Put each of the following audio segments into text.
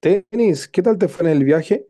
Tenis, ¿qué tal te fue en el viaje?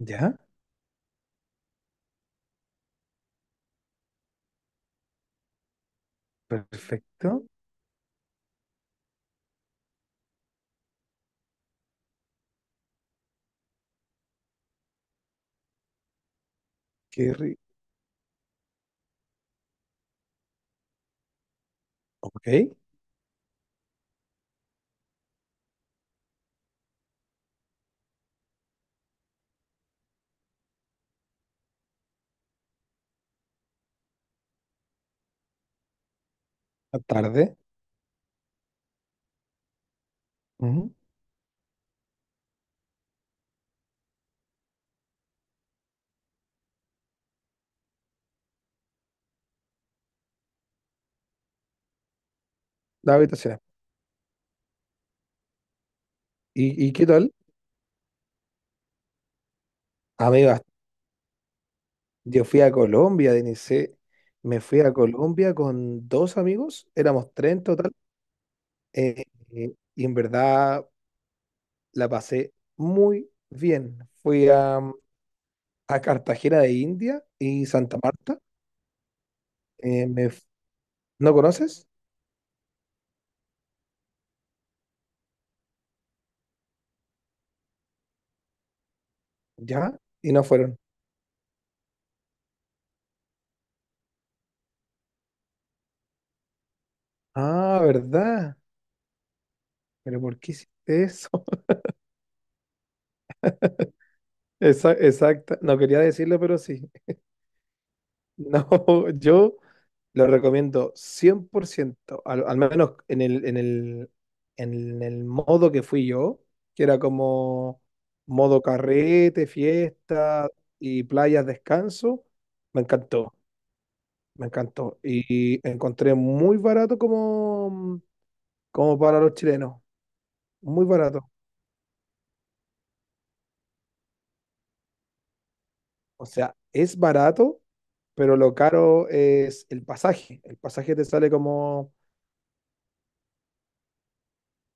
Ya, perfecto. Qué rico. Ok, la tarde. Ujú, las habitaciones. ¿Y qué tal? Amigas, yo fui a Colombia, Denise. Me fui a Colombia con dos amigos, éramos tres en total. eh, y en verdad la pasé muy bien. Fui a Cartagena de India y Santa Marta. eh, me f- ¿No conoces? Ya, y no fueron. Ah, ¿verdad? Pero ¿por qué hiciste eso? Exacta. No quería decirlo, pero sí. No, yo lo recomiendo 100% al menos en el modo que fui yo, que era como modo carrete, fiesta y playas descanso. Me encantó, me encantó. Y encontré muy barato como para los chilenos. Muy barato. O sea, es barato, pero lo caro es el pasaje. El pasaje te sale como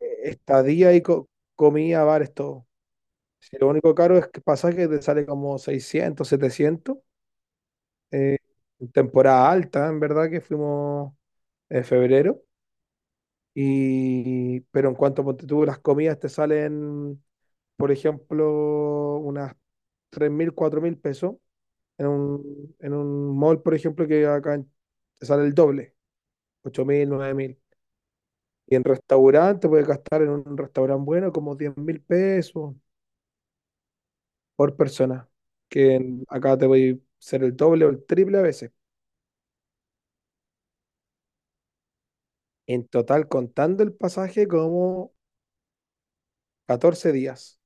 estadía y comida, bares, todo. Si lo único caro es que pasa que te sale como 600 700 eh, en temporada alta, en verdad, que fuimos en febrero. Y, pero en cuanto a ponte tú, las comidas te salen, por ejemplo, unas tres mil cuatro mil pesos. En un mall, por ejemplo, que acá en- te sale el doble, ocho mil nueve mil. Y en restaurante puedes gastar en un restaurante bueno como 10.000 pesos, por persona, que en- acá te voy a ser el doble o el triple a veces. En total, contando el pasaje, como 14 días.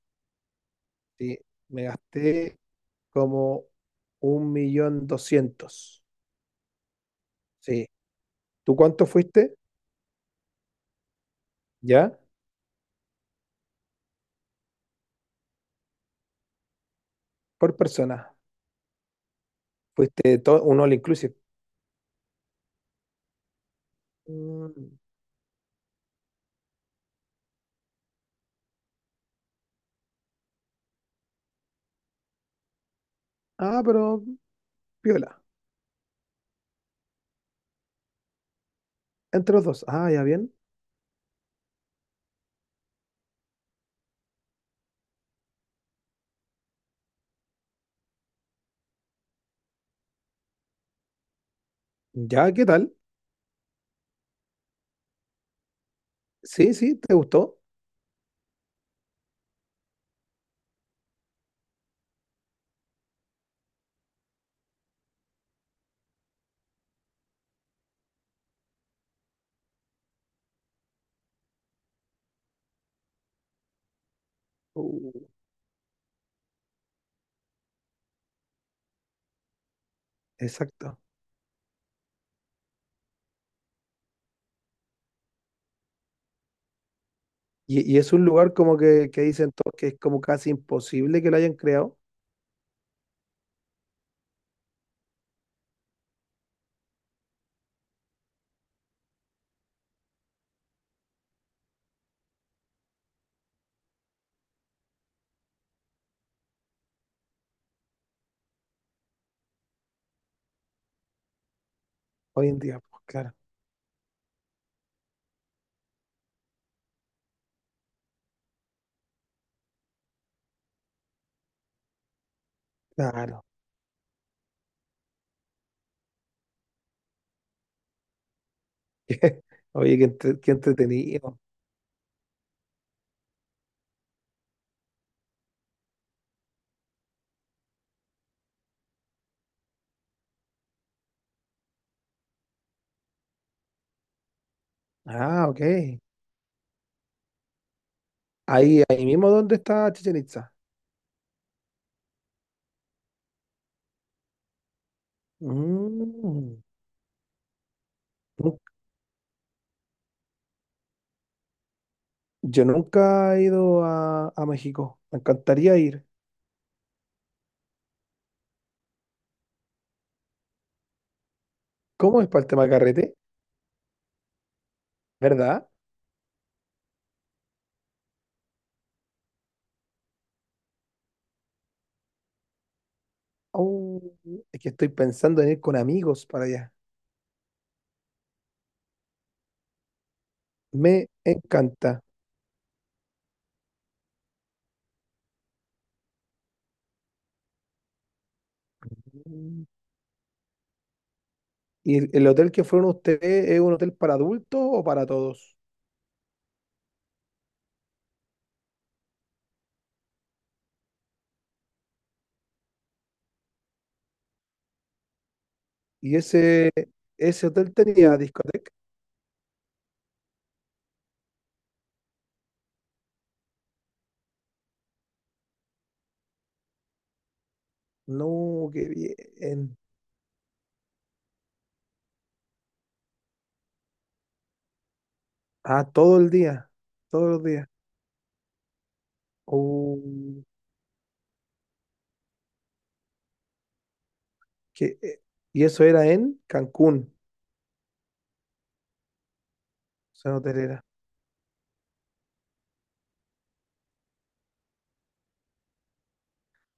Sí, me gasté como 1.200.000. Sí. ¿Tú cuánto fuiste? ¿Ya? Por persona. Fuiste todo, un all inclusive. Mm, ah, pero piola. Entre los dos. Ah, ya bien. ¿Ya qué tal? Sí, sí, ¿te gustó? Uh, exacto. Y es un lugar como que dicen todos que es como casi imposible que lo hayan creado hoy en día. Pues claro, claro. Oye, qué entretenido. Ah, ok. Ahí mismo, ¿dónde está Chichen Itza? Mm. Nu- Yo nunca he ido a México. Me encantaría ir. ¿Cómo es para el tema de carrete? ¿Verdad? Oh, es que estoy pensando en ir con amigos para allá. Me encanta. Mm. ¿Y el hotel que fueron ustedes es un hotel para adultos o para todos? Y ese hotel tenía discoteca. No, qué bien. Ah, todo el día, todos los días. Uh, qué- eh, y eso era en Cancún, zona hotelera.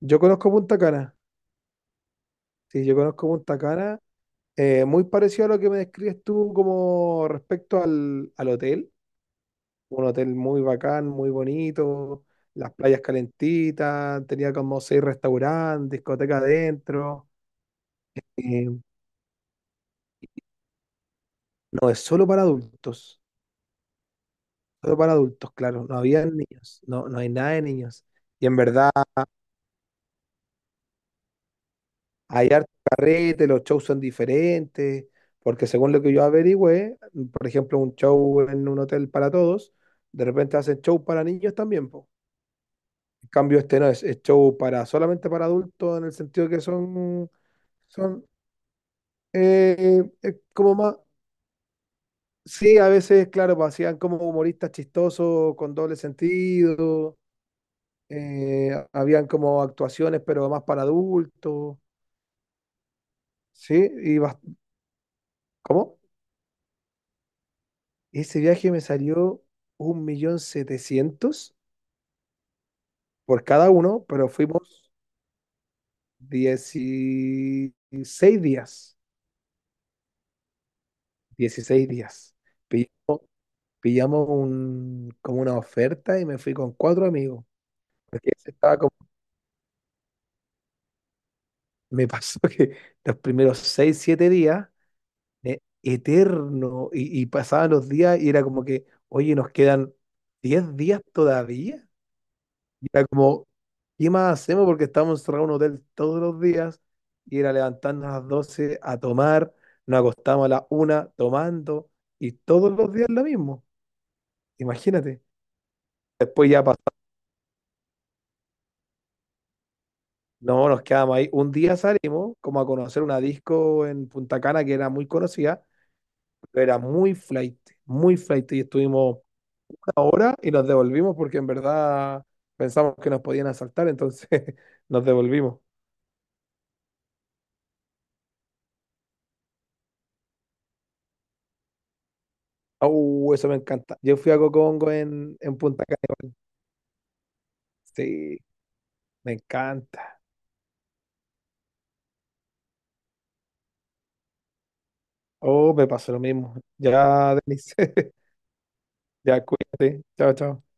Yo conozco Punta Cana. Sí, yo conozco Punta Cana. Muy parecido a lo que me describes tú como respecto al hotel. Un hotel muy bacán, muy bonito. Las playas calentitas. Tenía como seis restaurantes, discoteca adentro. Eh, no es solo para adultos. Solo para adultos, claro. No había niños. No, no hay nada de niños. Y en verdad hay harto carrete, los shows son diferentes, porque según lo que yo averigüé, por ejemplo, un show en un hotel para todos, de repente hacen show para niños también, po. En cambio, este no es, es show para solamente para adultos, en el sentido que son como más. Sí, a veces, claro, pues, hacían como humoristas chistosos, con doble sentido, habían como actuaciones, pero más para adultos, ¿sí? Y bas- ¿Cómo? Ese viaje me salió 1.700.000 por cada uno, pero fuimos 16 días, 16 días. Pi- Pillamos como una oferta y me fui con cuatro amigos, porque estaba me pasó que los primeros 6 7 días eterno y pasaban los días y era como que, oye, nos quedan 10 días todavía. Y era como, ¿qué más hacemos? Porque estamos encerrados en un hotel todos los días y era levantarnos a las 12 a tomar, nos acostamos a las una tomando y todos los días lo mismo, imagínate. Después ya pasó, no, nos quedamos ahí. Un día salimos como a conocer una disco en Punta Cana que era muy conocida, pero era muy flight y estuvimos ahora y nos devolvimos porque en verdad pensamos que nos podían asaltar, entonces nos devolvimos. Oh, eso me encanta. Yo fui a Cocongo en Punta Cana. Sí, me encanta. Oh, me pasó lo mismo. Ya, Denise. Ya, cuídate. Chao, chao.